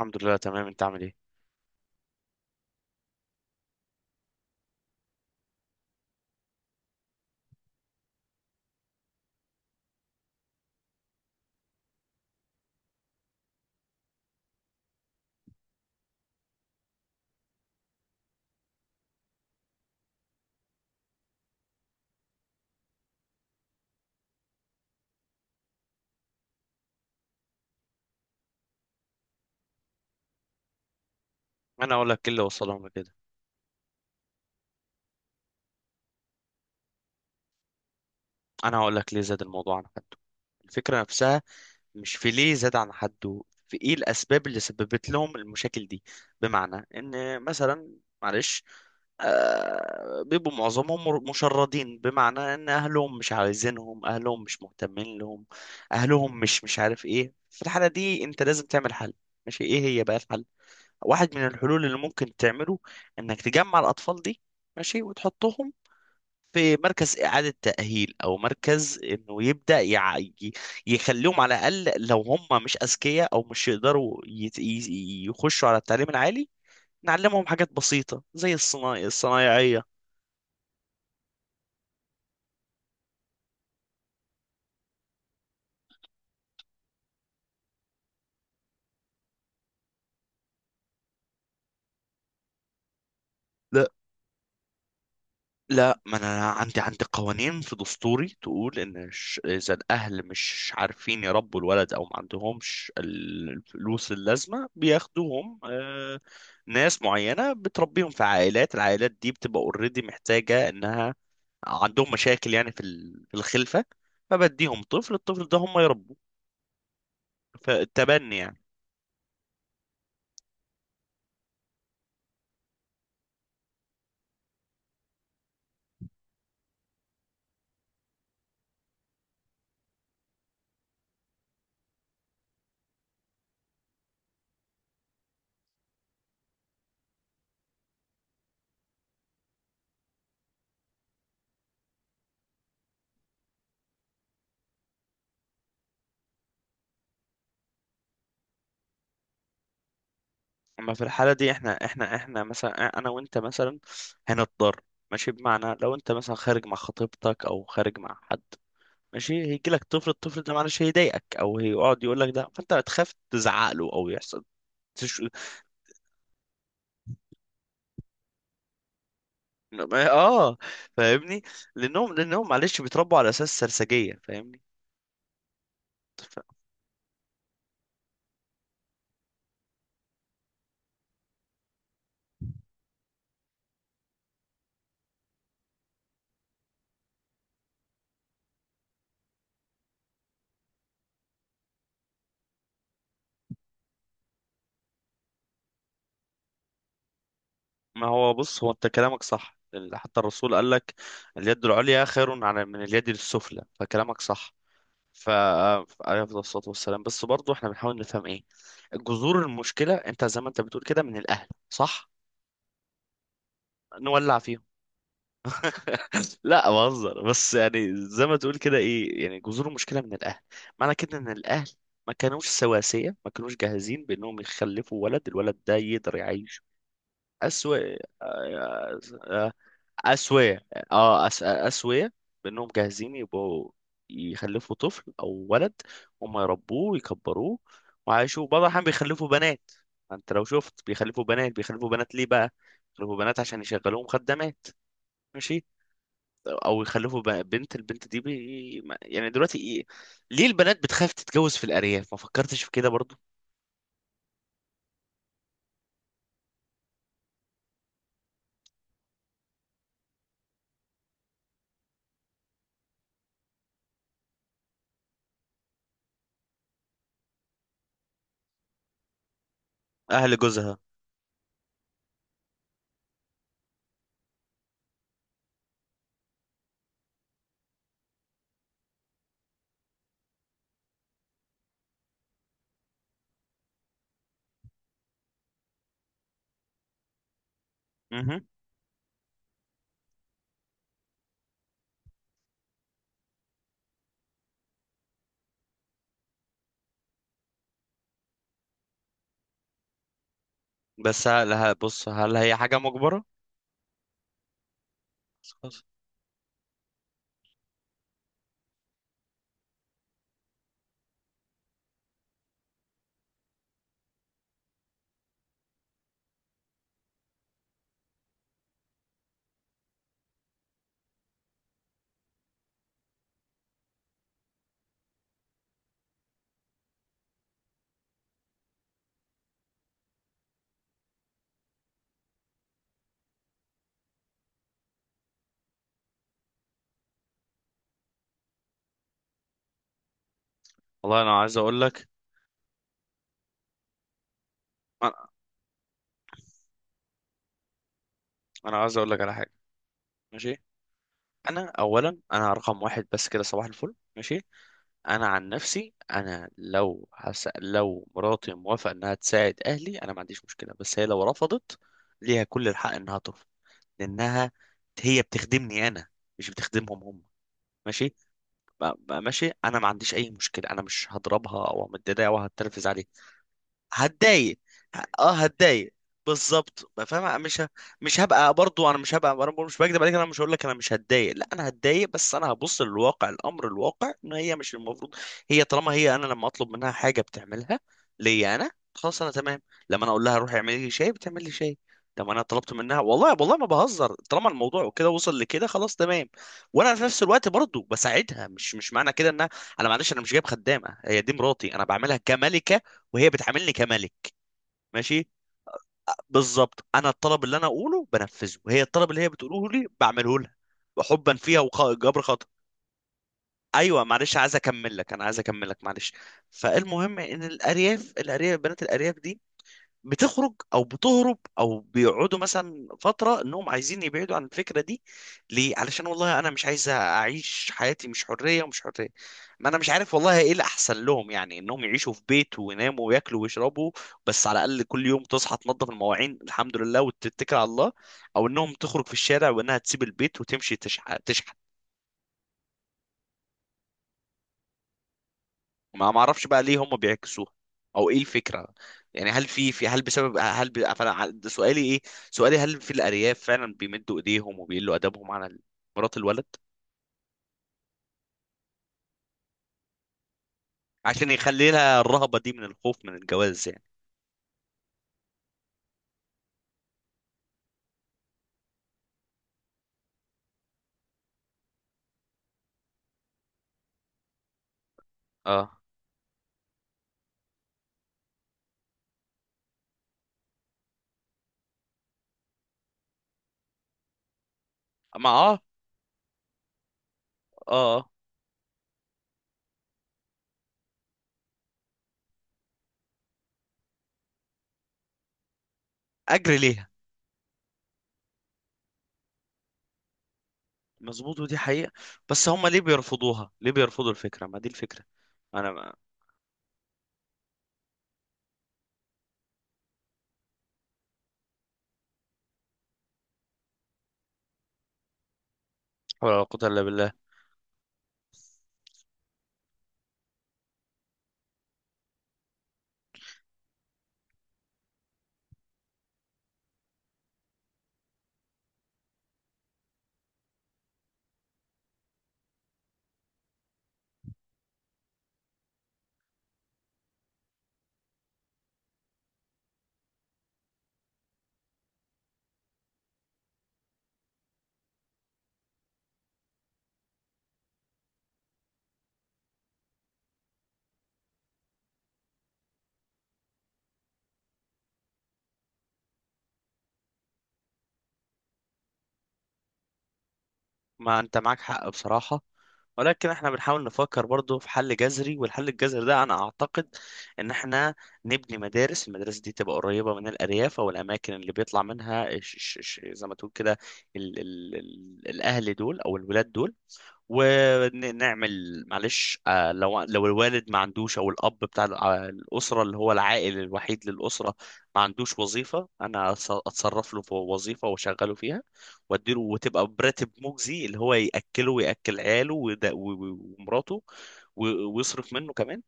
الحمد لله، تمام. انت عامل ايه؟ انا اقول لك ايه اللي وصلهم لكده. انا هقول لك ليه زاد الموضوع عن حده. الفكره نفسها مش في ليه زاد عن حده، في ايه الاسباب اللي سببت لهم المشاكل دي؟ بمعنى ان مثلا، معلش، بيبقوا معظمهم مشردين، بمعنى ان اهلهم مش عايزينهم، اهلهم مش مهتمين لهم، اهلهم مش عارف ايه. في الحاله دي انت لازم تعمل حل. ماشي، ايه هي بقى الحل؟ واحد من الحلول اللي ممكن تعمله انك تجمع الاطفال دي، ماشي، وتحطهم في مركز إعادة تأهيل أو مركز إنه يبدأ يخليهم، على الأقل لو هم مش أذكياء أو مش يقدروا يخشوا على التعليم العالي، نعلمهم حاجات بسيطة زي الصناعي، الصنايعية. لا، ما انا عندي قوانين في دستوري تقول ان، اذا الاهل مش عارفين يربوا الولد او ما عندهمش الفلوس اللازمه، بياخدوهم. ناس معينه بتربيهم في عائلات، العائلات دي بتبقى اوريدي، محتاجه انها، عندهم مشاكل يعني في الخلفه، فبديهم طفل، الطفل ده هم يربوه. فالتبني يعني. اما في الحاله دي احنا مثلا، انا وانت مثلا، هنضطر، ماشي. بمعنى لو انت مثلا خارج مع خطيبتك او خارج مع حد، ماشي، هيجي لك طفل، الطفل ده معلش هيضايقك او هيقعد يقول لك ده، فانت هتخاف تزعق له او يحصل تش... اه، فاهمني. لانهم معلش بيتربوا على اساس سرسجية، فاهمني. ف- ما هو بص، هو انت كلامك صح، لأن حتى الرسول قال لك: اليد العليا خير على من اليد السفلى، فكلامك صح. ف عليه أفضل الصلاة والسلام، بس برضه احنا بنحاول نفهم ايه جذور المشكلة. انت زي ما انت بتقول كده، من الاهل، صح؟ نولع فيهم، لا بهزر، بس يعني زي ما تقول كده، ايه يعني جذور المشكله من الاهل؟ معنى كده ان الاهل ما كانوش سواسيه، ما كانوش جاهزين بانهم يخلفوا ولد، الولد ده يقدر يعيش. اسوية، اسوية، اه، اسوية، بانهم جاهزين يبقوا يخلفوا طفل او ولد، هم يربوه ويكبروه وعايشوه. بعض الاحيان بيخلفوا بنات، انت لو شفت بيخلفوا بنات. بيخلفوا بنات ليه بقى؟ بيخلفوا بنات عشان يشغلوهم خدامات، ماشي، او يخلفوا بنت، البنت دي بي... ما- يعني دلوقتي إيه؟ ليه البنات بتخاف تتجوز في الارياف؟ ما فكرتش في كده برضو؟ اهل جوزها. مهم. بس بص، هل هي حاجه مجبره؟ خلاص. والله انا عايز اقول لك، انا أنا عايز اقول لك على حاجه، ماشي. انا اولا، انا رقم واحد بس كده، صباح الفل، ماشي. انا عن نفسي انا، لو مراتي موافقه انها تساعد اهلي انا ما عنديش مشكله، بس هي لو رفضت، ليها كل الحق انها ترفض، لانها هي بتخدمني انا، مش بتخدمهم هم، ماشي. بقى ماشي، انا ما عنديش اي مشكله، انا مش هضربها او امددها او هتنرفز عليها. هتضايق، اه، هتضايق، بالظبط. ما فاهم، مش هبقى برضو، انا مش هبقى، انا برضو مش بكذب عليك، انا مش هقول لك انا مش هتضايق، لا انا هتضايق، بس انا هبص للواقع، الامر الواقع ان هي مش المفروض. هي طالما هي انا لما اطلب منها حاجه بتعملها ليا انا، خلاص انا تمام. لما انا اقول لها روحي اعملي لي شاي، بتعمل لي شاي. طب انا طلبت منها، والله والله ما بهزر، طالما الموضوع كده وصل لكده، خلاص تمام. وانا في نفس الوقت برضو بساعدها، مش معنى كده انها، انا معلش انا مش جايب خدامه، هي دي مراتي، انا بعملها كملكه وهي بتعاملني كملك، ماشي، بالظبط. انا الطلب اللي انا اقوله بنفذه، وهي الطلب اللي هي بتقوله لي بعمله لها حبا فيها وجبر خطأ. ايوه، معلش، عايز اكمل لك، انا عايز اكمل لك، معلش. فالمهم ان الارياف، بنات الارياف دي بتخرج او بتهرب او بيقعدوا مثلا فتره انهم عايزين يبعدوا عن الفكره دي. ليه؟ علشان والله انا مش عايز اعيش حياتي مش حريه، ومش حريه. ما انا مش عارف والله ايه الاحسن لهم، يعني انهم يعيشوا في بيت ويناموا وياكلوا ويشربوا، بس على الاقل كل يوم تصحى تنظف المواعين الحمد لله وتتكل على الله، او انهم تخرج في الشارع وانها تسيب البيت وتمشي تشحت. ما اعرفش بقى ليه هم بيعكسوها، او ايه الفكره؟ يعني هل في، هل بسبب، هل فانا ده سؤالي، ايه سؤالي؟ هل في الارياف فعلا بيمدوا ايديهم وبيقلوا ادبهم على مرات الولد، عشان يخلي لها الرهبه دي من الخوف من الجواز يعني؟ اه، ما، اه، اه، اجري ليها، مظبوط، ودي حقيقه. بس هم ليه بيرفضوها؟ ليه بيرفضوا الفكره؟ ما دي الفكره، انا ما، ولا قوه الا بالله. ما انت معاك حق بصراحة، ولكن احنا بنحاول نفكر برضو في حل جذري، والحل الجذري ده انا اعتقد ان احنا نبني مدارس، المدارس دي تبقى قريبة من الارياف او الاماكن اللي بيطلع منها، ش ش ش زي ما تقول كده، ال ال ال الاهل دول او الولاد دول، ونعمل معلش، لو الوالد ما عندوش او الاب بتاع الاسره اللي هو العائل الوحيد للاسره، ما عندوش وظيفه، انا اتصرف له في وظيفه واشغله فيها، واديله وتبقى براتب مجزي اللي هو ياكله وياكل عياله ومراته، ويصرف منه كمان.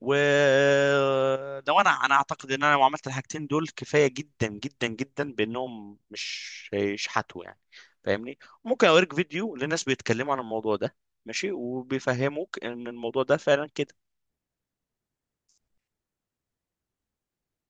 ولو انا اعتقد ان انا لو عملت الحاجتين دول، كفايه جدا جدا جدا بانهم مش هيشحتوا يعني، فاهمني. ممكن اوريك فيديو لناس بيتكلموا عن الموضوع ده، ماشي، وبيفهموك ان الموضوع ده فعلا كده.